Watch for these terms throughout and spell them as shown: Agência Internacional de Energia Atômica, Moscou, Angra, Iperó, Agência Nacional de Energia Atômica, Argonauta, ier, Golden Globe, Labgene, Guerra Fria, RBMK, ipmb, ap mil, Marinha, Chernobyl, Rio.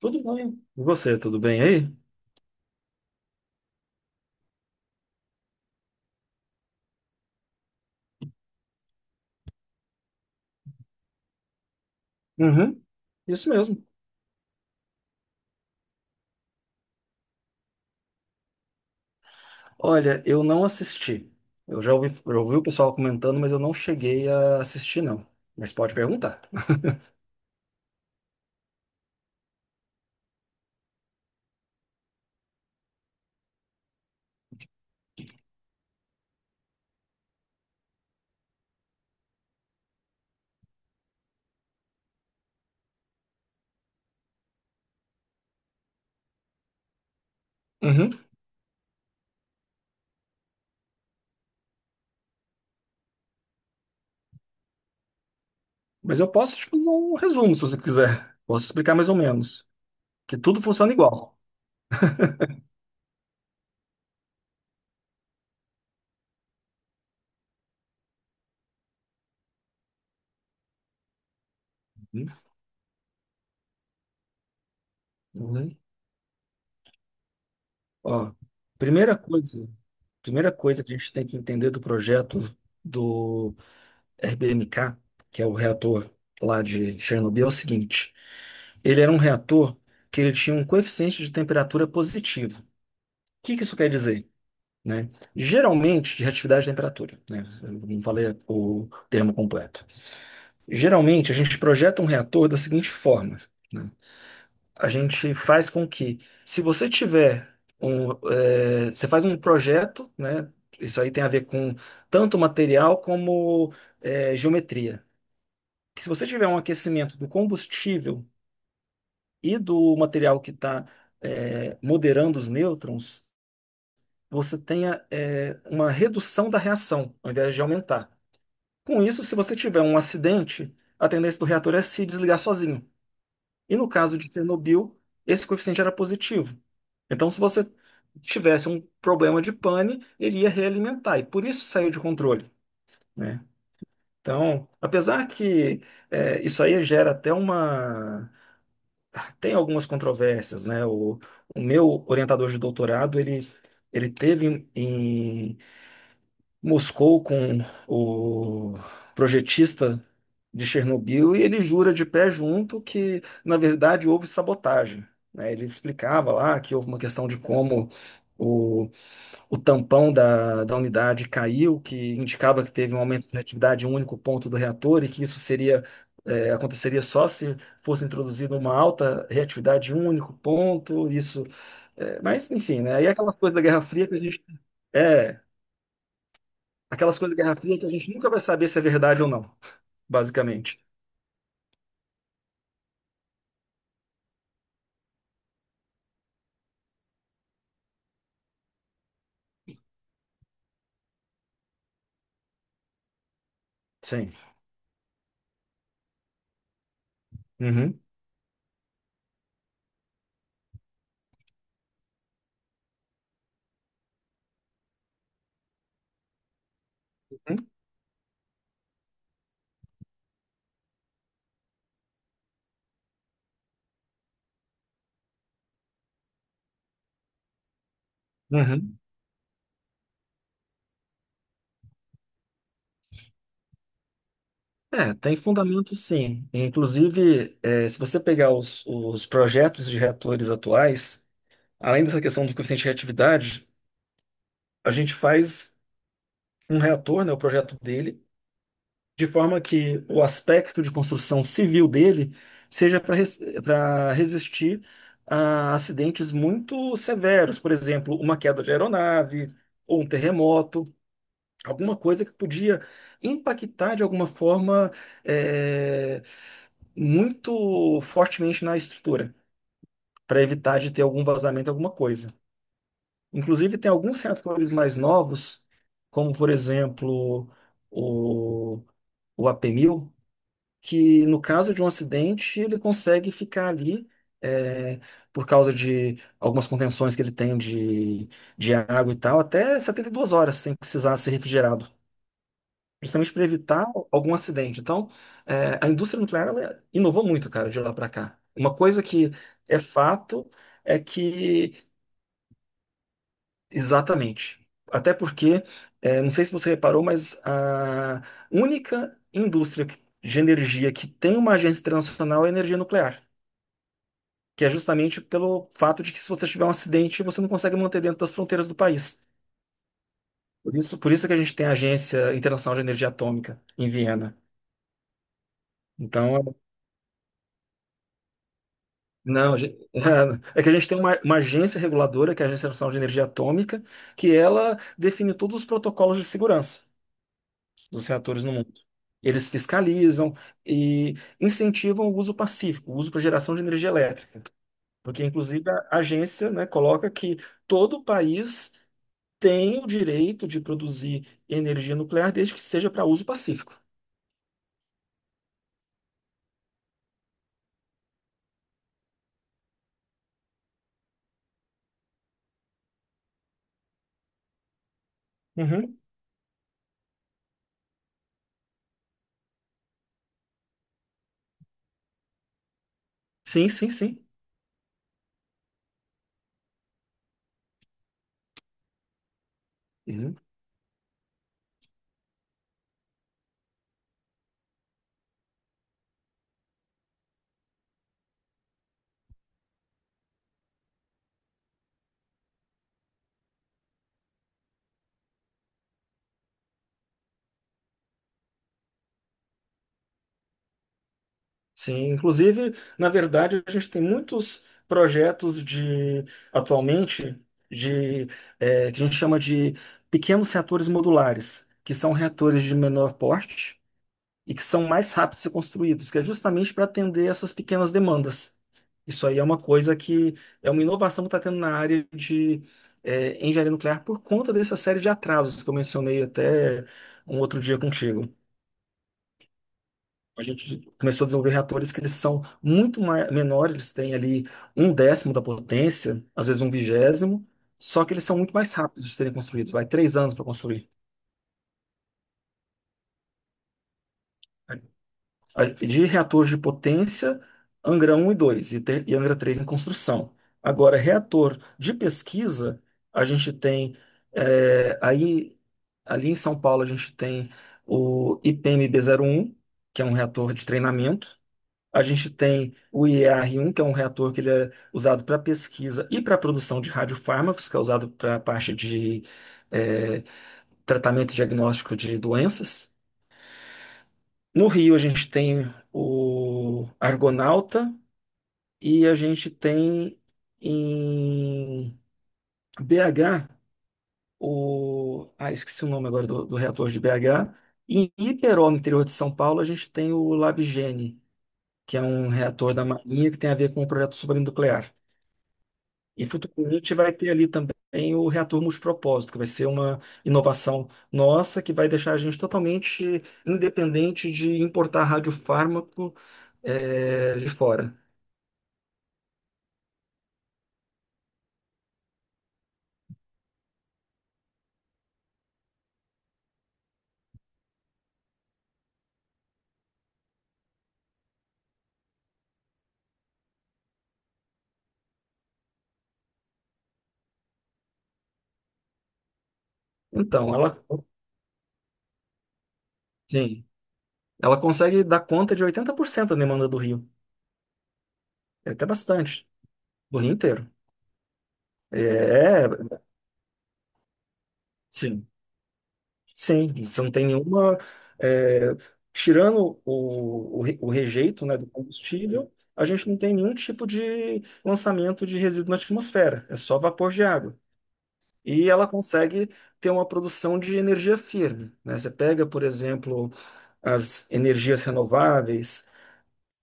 Tudo bem. E você, tudo bem aí? Uhum. Isso mesmo. Olha, eu não assisti. Eu já ouvi, eu ouvi o pessoal comentando, mas eu não cheguei a assistir, não. Mas pode perguntar. Uhum. Mas eu posso te fazer um resumo, se você quiser. Posso explicar mais ou menos. Que tudo funciona igual. Uhum. Uhum. Ó, primeira coisa, primeira coisa que a gente tem que entender do projeto do RBMK, que é o reator lá de Chernobyl, é o seguinte. Ele era um reator que ele tinha um coeficiente de temperatura positivo. O que que isso quer dizer? Né? Geralmente, de reatividade de temperatura, né? Eu não falei o termo completo. Geralmente, a gente projeta um reator da seguinte forma, né? A gente faz com que, se você tiver você faz um projeto, né? Isso aí tem a ver com tanto material como geometria. Que se você tiver um aquecimento do combustível e do material que está moderando os nêutrons, você tenha uma redução da reação, ao invés de aumentar. Com isso, se você tiver um acidente, a tendência do reator é se desligar sozinho. E no caso de Chernobyl, esse coeficiente era positivo. Então, se você tivesse um problema de pane, ele ia realimentar, e por isso saiu de controle, né? Então, apesar que isso aí gera até uma tem algumas controvérsias, né? O meu orientador de doutorado, ele teve em, em Moscou com o projetista de Chernobyl e ele jura de pé junto que, na verdade, houve sabotagem, né? Ele explicava lá que houve uma questão de como o o tampão da, da unidade caiu, que indicava que teve um aumento de atividade em um único ponto do reator e que isso seria, eh, aconteceria só se fosse introduzida uma alta reatividade em um único ponto, isso, eh, mas enfim, né? E aquelas coisas da Guerra Fria que a gente, é, aquelas coisas da Guerra Fria que a gente nunca vai saber se é verdade ou não, basicamente. Sim. Uhum. Uhum. É, tem fundamento sim. Inclusive, eh, se você pegar os projetos de reatores atuais, Além dessa questão do coeficiente de reatividade, a gente faz um reator, né, o projeto dele, de forma que o aspecto de construção civil dele seja para resistir a acidentes muito severos, por exemplo, uma queda de aeronave ou um terremoto, alguma coisa que podia impactar de alguma forma eh, muito fortemente na estrutura, para evitar de ter algum vazamento, alguma coisa. Inclusive, tem alguns reatores mais novos, como por exemplo o, o AP1000 que no caso de um acidente ele consegue ficar ali eh, por causa de algumas contenções que ele tem de água e tal, até 72 horas sem precisar ser refrigerado. Justamente para evitar algum acidente. Então, eh, a indústria nuclear ela inovou muito, cara, de lá para cá. Uma coisa que é fato é que Exatamente. Até porque, eh, não sei se você reparou, mas a única indústria que- de energia que tem uma agência internacional é a energia nuclear, que é justamente pelo fato de que se você tiver um acidente, você não consegue manter dentro das fronteiras do país. Por isso que a gente tem a Agência Internacional de Energia Atômica em Viena. Então, não, a gen- é que a gente tem uma agência reguladora, que é a Agência Nacional de Energia Atômica, que ela define todos os protocolos de segurança. Dos reatores no mundo. Eles fiscalizam e incentivam o uso pacífico, o uso para geração de energia elétrica, porque inclusive a agência, né, coloca que todo país tem o direito de produzir energia nuclear desde que seja para uso pacífico. Uhum. Sim, sim, sim. Uhum. Sim, inclusive, na verdade, a gente tem muitos projetos de atualmente de eh, que a gente chama de pequenos reatores modulares, que são reatores de menor porte e que são mais rápidos de ser construídos, que é justamente para atender essas pequenas demandas. Isso aí é uma coisa que é uma inovação que está tendo na área de eh, engenharia nuclear por conta dessa série de atrasos que eu mencionei até um outro dia contigo. A gente começou a desenvolver reatores que eles são muito ma- menores, eles têm ali um décimo da potência, às vezes um vigésimo, só que eles são muito mais rápidos de serem construídos, vai 3 anos para construir. A- de reatores de potência, Angra 1 e 2 e, te- e Angra 3 em construção. Agora, reator de pesquisa, a gente tem, é, aí, ali em São Paulo, a gente tem o ipmb um que é um reator de treinamento. A gente tem o ier um que é um reator que ele é usado para pesquisa e para produção de radiofármacos, que é usado para a parte de, é, tratamento e diagnóstico de doenças. No Rio a gente tem o Argonauta e a gente tem em BH o. Ah, esqueci o nome agora do, do reator de BH. E em Iperó, no interior de São Paulo, a gente tem o Labgene, que é um reator da Marinha que tem a ver com o projeto supranuclear. E futuramente vai ter ali também o reator multipropósito, que vai ser uma inovação nossa que vai deixar a gente totalmente independente de importar radiofármaco eh, de fora. Então, ela, sim, ela consegue dar conta de 80% da demanda do Rio. É até bastante, do Rio inteiro. É, sim. Sim, você não tem nenhuma. É, tirando o, re- o rejeito, né, do combustível, a gente não tem nenhum tipo de lançamento de resíduo na atmosfera, é só vapor de água. E ela consegue ter uma produção de energia firme, né? Você pega, por exemplo, as energias renováveis,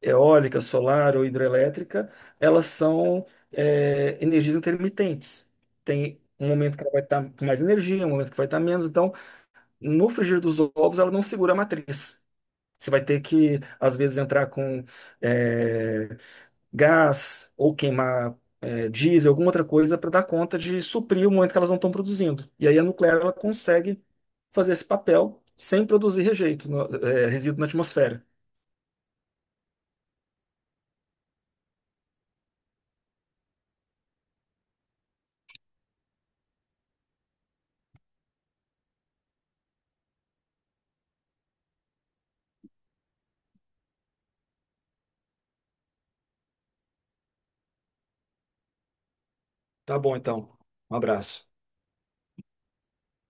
eólica, solar ou hidrelétrica, elas são, é, energias intermitentes. Tem um momento que ela vai estar com mais energia, um momento que vai estar menos. Então, no frigir dos ovos, ela não segura a matriz. Você vai ter que, às vezes, entrar com eh, gás ou queimar eh, diesel, alguma outra coisa, para dar conta de suprir o momento que elas não estão produzindo. E aí a nuclear ela consegue fazer esse papel sem produzir rejeito, no- eh, resíduo na atmosfera. Tá bom, então. Um abraço.